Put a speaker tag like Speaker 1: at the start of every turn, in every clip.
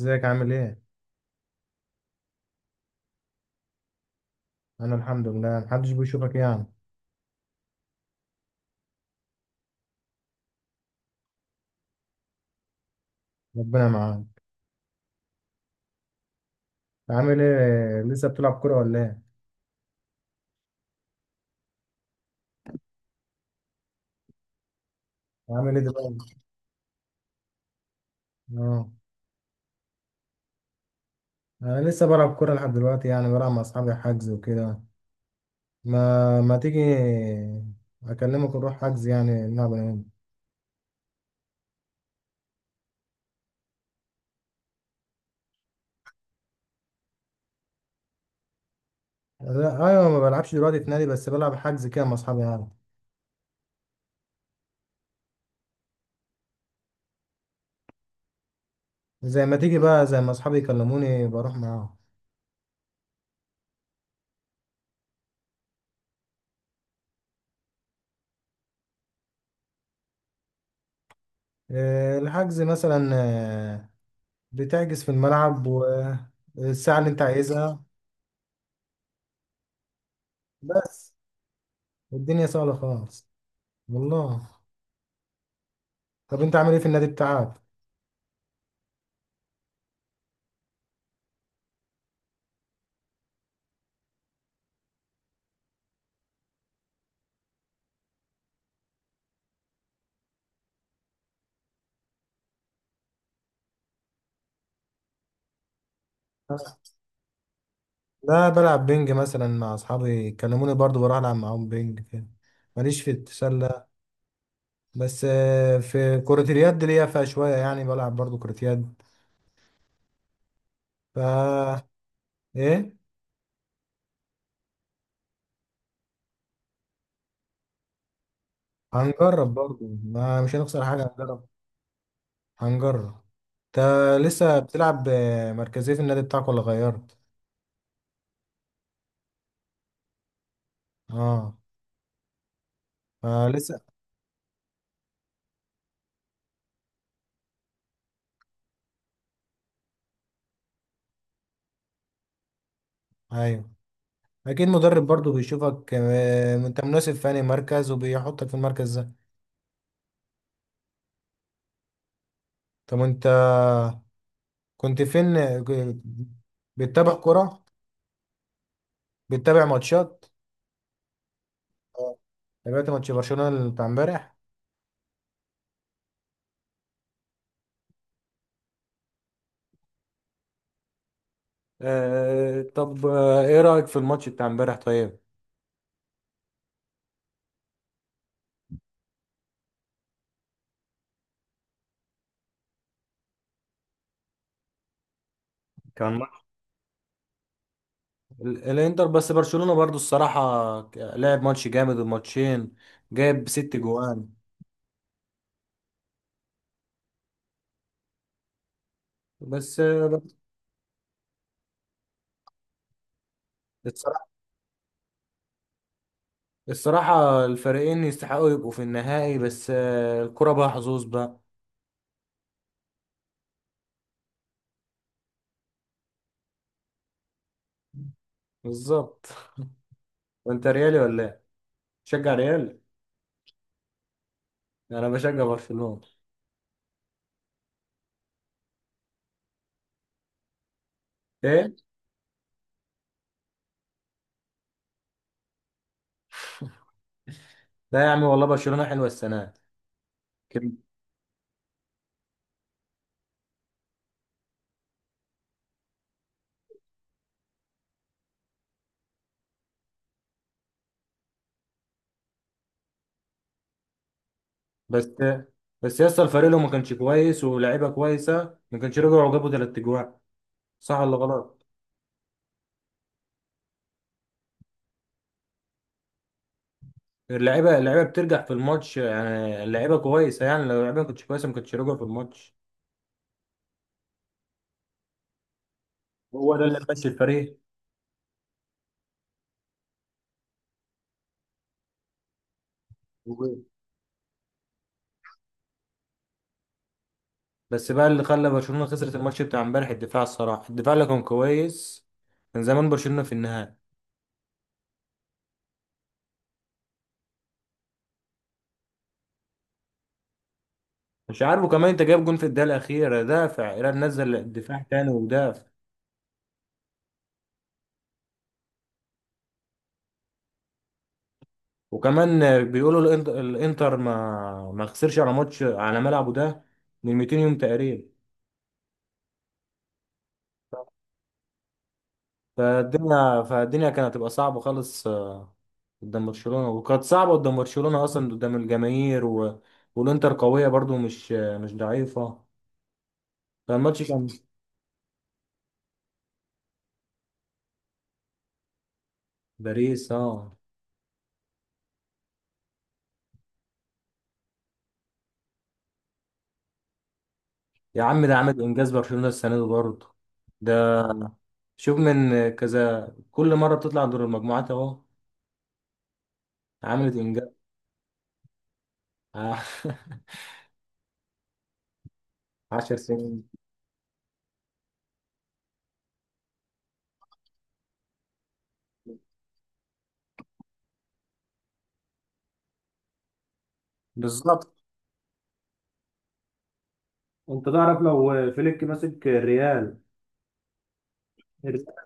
Speaker 1: ازيك عامل ايه؟ انا الحمد لله، محدش بيشوفك يعني. ربنا معاك. عامل ايه لسه بتلعب كورة ولا ايه؟ عامل ايه دلوقتي؟ اه، انا لسه بلعب كورة لحد دلوقتي، يعني بلعب مع اصحابي حجز وكده. ما تيجي اكلمك نروح حجز يعني نلعب انا وانت. لا، ايوه ما بلعبش دلوقتي في نادي، بس بلعب حجز كده مع اصحابي يعني. زي ما تيجي بقى، زي ما اصحابي يكلموني بروح معاهم. الحجز مثلا. آه، بتحجز في الملعب والساعة اللي انت عايزها. بس الدنيا سهلة خالص، والله. طب انت عامل ايه في النادي بتاعك؟ لا بلعب بينج مثلا مع اصحابي، كلموني برضو بروح العب معاهم بينج كده. ماليش في التسلة، بس في كرة اليد ليا فيها شوية، يعني بلعب برضو كرة يد. فا ايه، هنجرب برضو، ما مش هنخسر حاجة، هنجرب. هنجرب. انت لسه بتلعب مركزية في النادي بتاعك ولا غيرت؟ اه، لسه. ايوه، اكيد مدرب برضو بيشوفك انت مناسب في انهي مركز وبيحطك في المركز ده. طب انت كنت فين بتتابع كرة؟ بتتابع ماتشات؟ آه. تابعت ماتش برشلونة بتاع امبارح؟ آه، طب آه، ايه رأيك في الماتش بتاع امبارح طيب؟ كان ماتش، الانتر، بس برشلونة برضو الصراحة لعب ماتش جامد الماتشين، جايب 6 جوان. بس آه، الصراحة، الصراحة الفريقين يستحقوا يبقوا في النهائي، بس الكرة بقى حظوظ بقى. بالظبط. وانت ريالي ولا ايه؟ تشجع ريال؟ انا بشجع برشلونة. ايه؟ لا يا عم والله برشلونة حلوة السنة دي. كده. بس بس يا اسطى الفريق لو ما كانش كويس ولاعيبه كويسة ما كانش رجعوا وجابوا 3 اجوان، صح ولا غلط؟ اللعيبة اللعيبة بترجع في الماتش، يعني اللعيبة كويسة، يعني لو اللعيبة ما كانتش كويسة ما كانتش رجعوا في الماتش. هو ده اللي ماشي الفريق. بس بقى اللي خلى برشلونة خسرت الماتش بتاع امبارح الدفاع، الصراحة الدفاع اللي كان كويس كان زمان برشلونة في النهائي. مش عارف، وكمان انت جايب جون في الدقيقه الاخيره، دافع ايران نزل الدفاع تاني ودافع. وكمان بيقولوا الانتر ما خسرش على ماتش على ملعبه ده من 200 يوم تقريبا. فالدنيا كانت هتبقى صعبه خالص قدام برشلونه، وكانت صعبه قدام برشلونه اصلا قدام الجماهير و، والانتر قويه برضو، مش ضعيفه. فالماتش كان. باريس، اه. يا عم ده عامل انجاز برشلونه السنه دي برضه، ده. شوف من كذا، كل مره بتطلع دور المجموعات اهو، عملت انجاز. ع- 10 سنين. بالظبط. انت تعرف لو فليك ماسك الريال؟ الريال،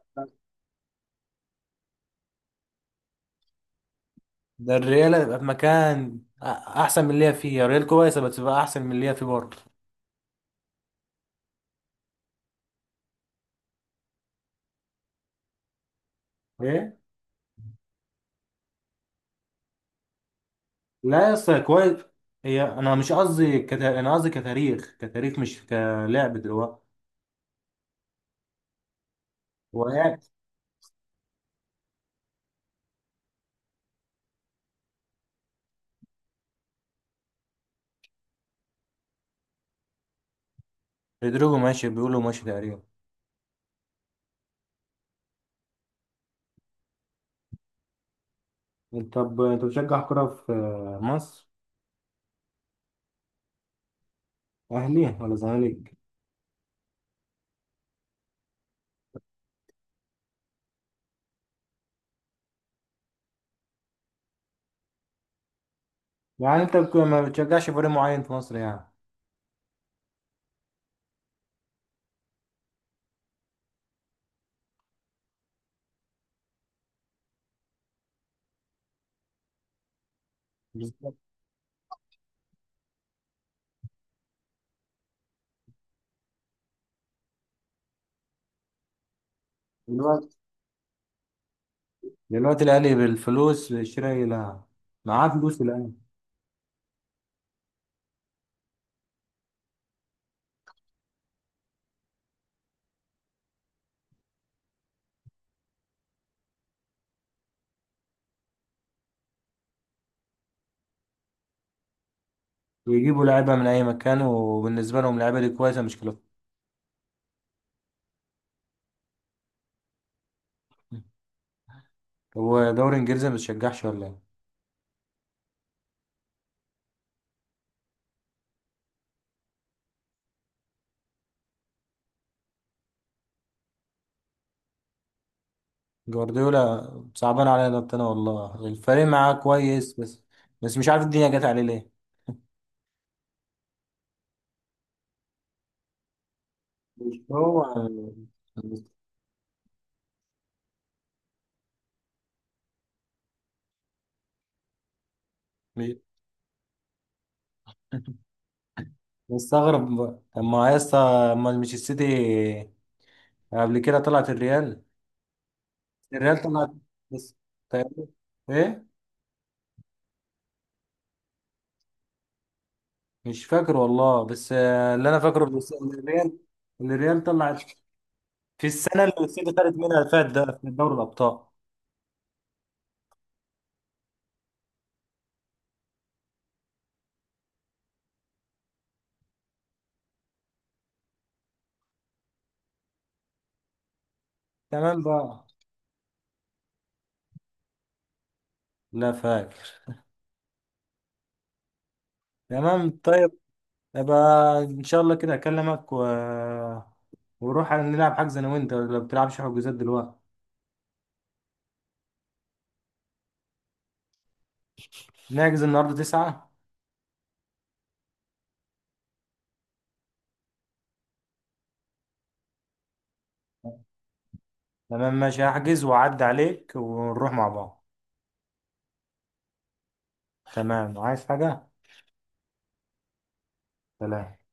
Speaker 1: ده الريال هيبقى في مكان احسن من اللي هي فيه. الريال كويسه، بس بقى احسن من اللي هي فيه برضه. ايه؟ لا يا اسطى كويس. هي انا مش قصدي انا قصدي كتاريخ كتاريخ، مش كلاعب دلوقتي. هو يعني رودريجو ماشي، بيقولوا ماشي تقريبا. طب انت بتشجع كرة في مصر؟ اهلي ولا زمالك؟ يعني انت ما بتشجعش فريق معين في مصر يعني؟ بالظبط. دلوقتي الاهلي بالفلوس شراء لاعب، معاه فلوس الان، ويجيبوا لعيبه من اي مكان وبالنسبه لهم اللعيبه دي كويسه، مش كلام. هو دوري انجليزي ما بتشجعش ولا ايه؟ جوارديولا صعبان عليا، ربنا والله الفريق معاه كويس، بس بس مش عارف الدنيا جت عليه ليه. مش هو. مستغرب بقى. طب ما يا اسطى امال مش السيتي قبل كده طلعت الريال؟ الريال طلعت بس؟ طيب، ايه؟ مش فاكر والله، بس اللي انا فاكره إن إن الريال، إن الريال طلعت في السنه اللي السيتي خدت منها فات، ده في دوري الابطال. تمام بقى. لا، فاكر. تمام طيب. يبقى ان شاء الله كده اكلمك و، ونروح نلعب حجز انا وانت لو بتلعبش حجوزات دلوقتي. نحجز النهارده 9. تمام ماشي، هحجز واعدي عليك ونروح مع بعض. تمام، عايز حاجه؟ سلام.